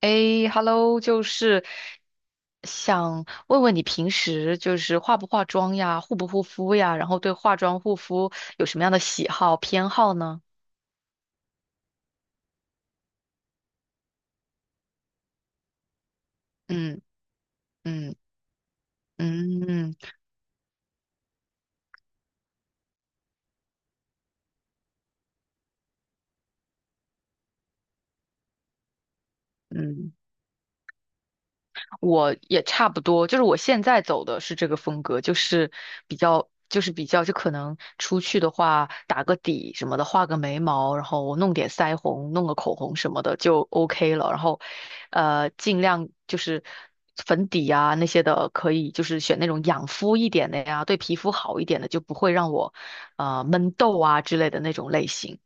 诶 h e l l o 想问问你平时化不化妆呀，护不护肤呀，然后对化妆护肤有什么样的喜好偏好呢？嗯嗯嗯嗯嗯，我也差不多，就是我现在走的是这个风格，就是比较，就是比较，就可能出去的话，打个底什么的，画个眉毛，然后我弄点腮红，弄个口红什么的就 OK 了。然后，尽量就是粉底啊那些的，可以就是选那种养肤一点的呀，对皮肤好一点的，就不会让我闷痘啊之类的那种类型。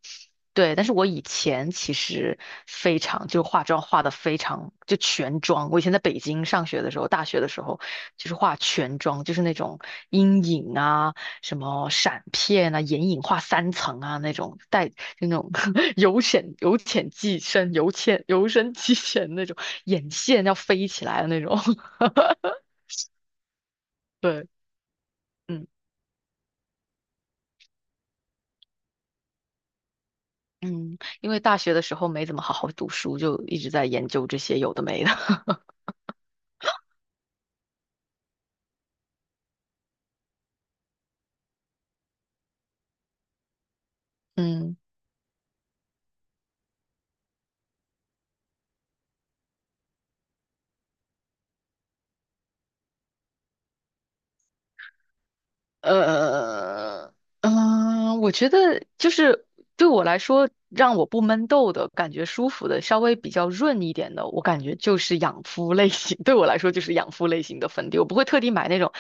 对，但是我以前其实非常，就化妆化的非常，就全妆。我以前在北京上学的时候，大学的时候，就是化全妆，就是那种阴影啊、什么闪片啊、眼影画三层啊那种，带就那种 由浅由深即浅那种，眼线要飞起来的那种。对，嗯嗯，因为大学的时候没怎么好好读书，就一直在研究这些有的没的。嗯。呃，我觉得就是对我来说，让我不闷痘的感觉舒服的，稍微比较润一点的，我感觉就是养肤类型。对我来说，就是养肤类型的粉底，我不会特地买那种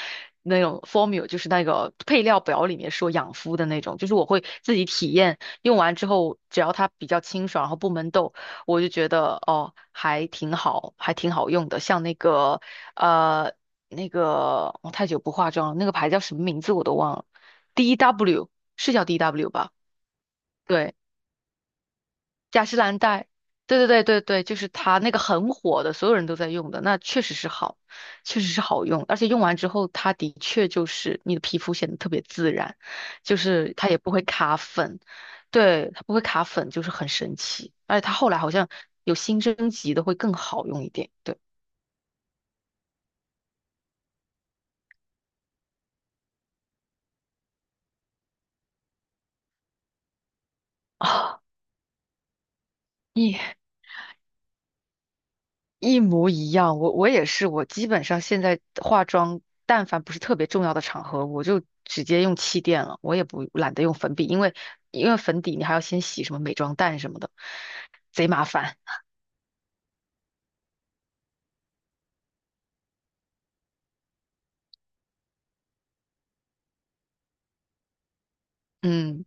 formula，就是那个配料表里面说养肤的那种，就是我会自己体验，用完之后，只要它比较清爽，然后不闷痘，我就觉得哦，还挺好用的。像那个呃。那个我太久不化妆了，那个牌叫什么名字我都忘了，DW 是叫 DW 吧？对，雅诗兰黛，对，就是它那个很火的，所有人都在用的，那确实是好，确实是好用，而且用完之后，它的确就是你的皮肤显得特别自然，就是它也不会卡粉，对，它不会卡粉，就是很神奇，而且它后来好像有新升级的会更好用一点，对啊，耶一模一样，我也是，我基本上现在化妆，但凡不是特别重要的场合，我就直接用气垫了，我也不懒得用粉笔，因为粉底你还要先洗什么美妆蛋什么的，贼麻烦。嗯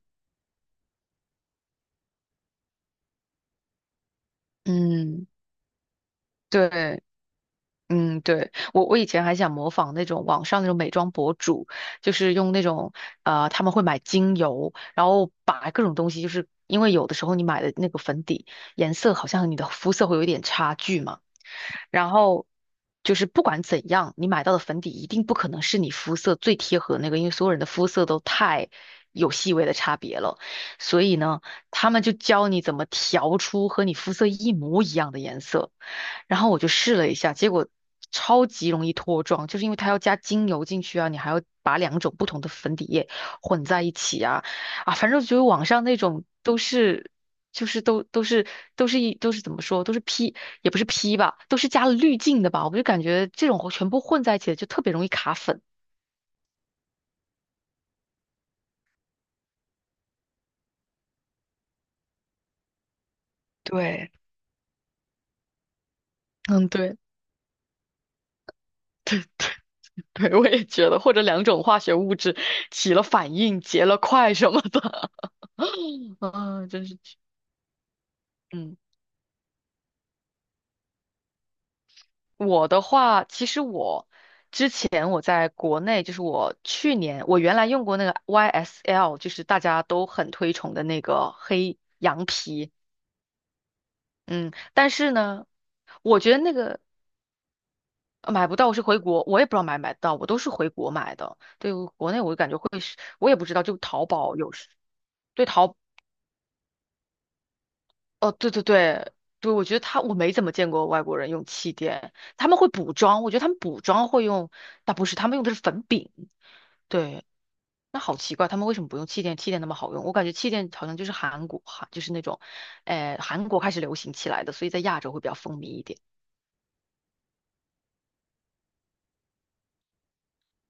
嗯，对，嗯对，我以前还想模仿那种网上那种美妆博主，就是用那种他们会买精油，然后把各种东西，就是因为有的时候你买的那个粉底颜色好像和你的肤色会有一点差距嘛。然后就是不管怎样，你买到的粉底一定不可能是你肤色最贴合的那个，因为所有人的肤色都太有细微的差别了。所以呢，他们就教你怎么调出和你肤色一模一样的颜色。然后我就试了一下，结果超级容易脱妆，就是因为它要加精油进去啊，你还要把两种不同的粉底液混在一起啊，啊，反正就是网上那种都是。就是都都是怎么说，都是 P 也不是 P 吧，都是加了滤镜的吧，我就感觉这种全部混在一起的就特别容易卡粉。对，嗯，对。对，我也觉得，或者两种化学物质起了反应，结了块什么的。嗯，真是，嗯，我的话，其实我之前我在国内，就是我去年我原来用过那个 YSL，就是大家都很推崇的那个黑羊皮，嗯，但是呢，我觉得那个买不到我是回国，我也不知道买不买得到，我都是回国买的。对，国内我就感觉会是，我也不知道，就淘宝有时对淘，哦，对，我觉得他我没怎么见过外国人用气垫，他们会补妆，我觉得他们补妆会用，但不是，他们用的是粉饼。对，那好奇怪，他们为什么不用气垫？气垫那么好用，我感觉气垫好像就是韩国，韩就是那种，呃，韩国开始流行起来的，所以在亚洲会比较风靡一点。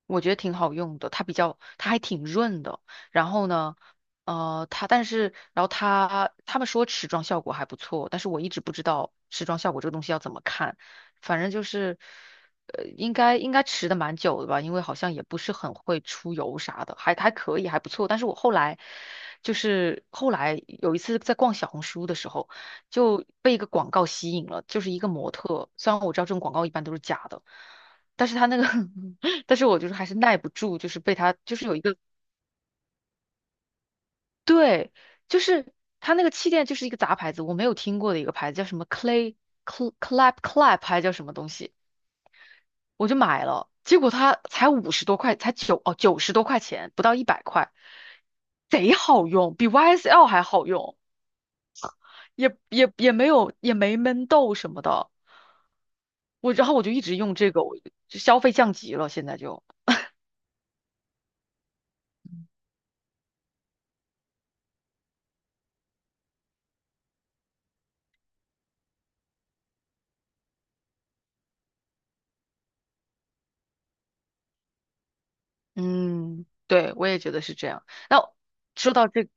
我觉得挺好用的，它比较，它还挺润的。然后呢，呃，它但是，然后它他们说持妆效果还不错，但是我一直不知道持妆效果这个东西要怎么看。反正就是，呃，应该持的蛮久的吧，因为好像也不是很会出油啥的，还可以，还不错。但是我后来后来有一次在逛小红书的时候，就被一个广告吸引了，就是一个模特，虽然我知道这种广告一般都是假的。但是他那个 但是我就是还是耐不住，就是被他就是有一个对，就是他那个气垫就是一个杂牌子，我没有听过的一个牌子叫什么 Clay Clap Clap 还叫什么东西，我就买了，结果它才五十多块，才九十多块钱，不到一百块，贼好用，比 YSL 还好用，也没有没闷痘什么的，然后我就一直用这个，我就消费降级了，现在就。嗯，对，我也觉得是这样。那说到这，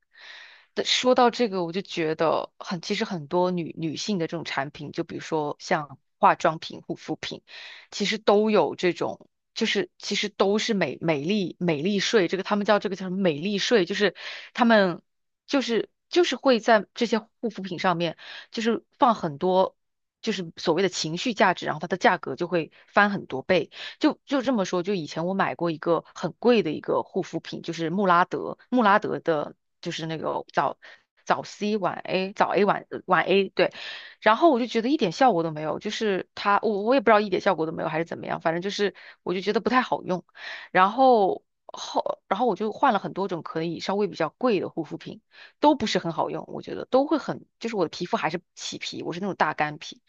对说到这个，我就觉得很，其实很多女性的这种产品，就比如说像化妆品、护肤品，其实都有这种，就是其实都是美丽税，这个他们叫这个叫什么美丽税，就是他们就是就是会在这些护肤品上面，就是放很多。就是所谓的情绪价值，然后它的价格就会翻很多倍。就就这么说，就以前我买过一个很贵的一个护肤品，就是穆拉德，穆拉德的，就是那个早 C 晚 A，早 A 晚 A，对。然后我就觉得一点效果都没有，就是它，我也不知道一点效果都没有还是怎么样，反正就是我就觉得不太好用。然后后，然后我就换了很多种可以稍微比较贵的护肤品，都不是很好用，我觉得都会很，就是我的皮肤还是起皮，我是那种大干皮。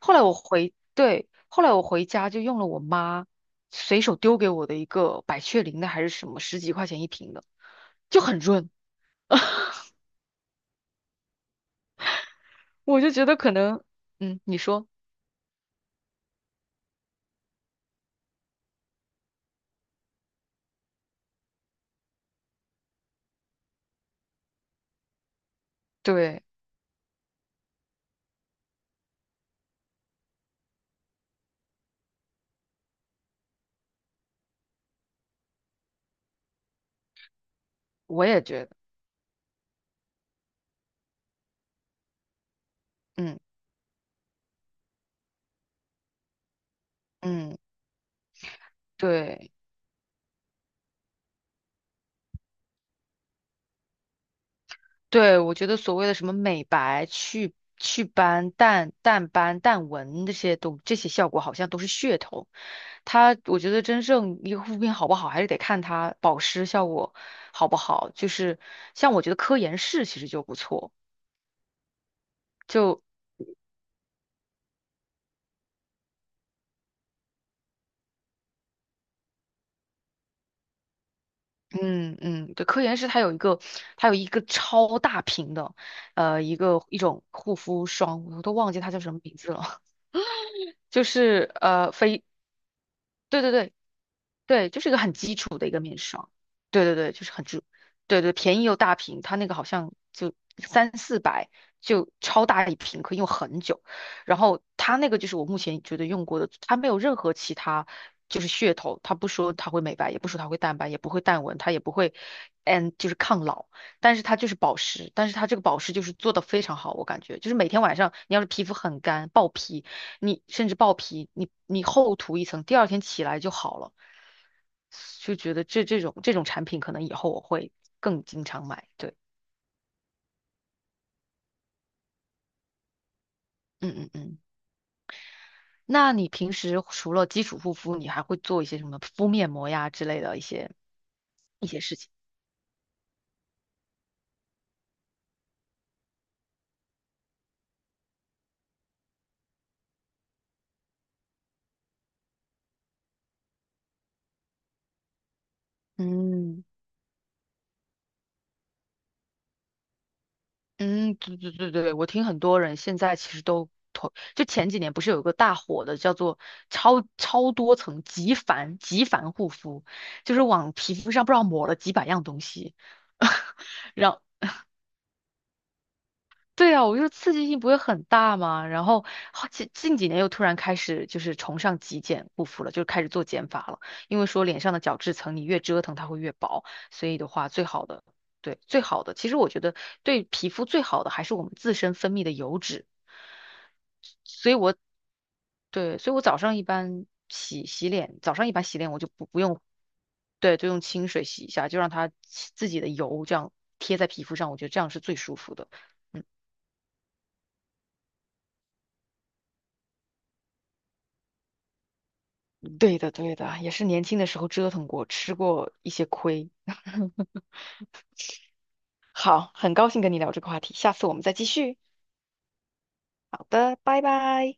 后来我回，对，后来我回家就用了我妈随手丢给我的一个百雀羚的还是什么，十几块钱一瓶的，就很润。我就觉得可能，嗯，你说，对，我也觉得，嗯嗯，对。对，我觉得所谓的什么美白、祛斑、淡斑、淡纹这些效果，好像都是噱头。它，我觉得真正一个护肤品好不好，还是得看它保湿效果好不好。就是像我觉得科颜氏其实就不错，就嗯嗯，对，科颜氏它有一个超大瓶的，呃，一种护肤霜，我都忘记它叫什么名字了，就是呃非。对对对，对，就是一个很基础的一个面霜。对对对，就是很基，对对，便宜又大瓶，它那个好像就三四百，就超大一瓶，可以用很久。然后它那个就是我目前觉得用过的，它没有任何其他就是噱头，它不说它会美白，也不说它会淡斑，也不会淡纹，它也不会，嗯，就是抗老，但是它就是保湿，但是它这个保湿就是做的非常好，我感觉就是每天晚上你要是皮肤很干爆皮，你甚至爆皮，你厚涂一层，第二天起来就好了。就觉得这种产品可能以后我会更经常买。对，嗯嗯嗯。那你平时除了基础护肤，你还会做一些什么敷面膜呀之类的一些事情？嗯。嗯，对，我听很多人现在其实都投，就前几年不是有个大火的叫做超多层极繁护肤，就是往皮肤上不知道抹了几百样东西，让。对啊，我就说刺激性不会很大嘛。然后好近几年又突然开始就是崇尚极简护肤了，就开始做减法了。因为说脸上的角质层你越折腾它会越薄，所以的话最好的，对，最好的，其实我觉得对皮肤最好的还是我们自身分泌的油脂。所以我对，所以我早上一般洗脸，早上一般洗脸我就不用，对，就用清水洗一下，就让它自己的油这样贴在皮肤上，我觉得这样是最舒服的。嗯。对的，对的，也是年轻的时候折腾过，吃过一些亏。好，很高兴跟你聊这个话题，下次我们再继续。好的，拜拜。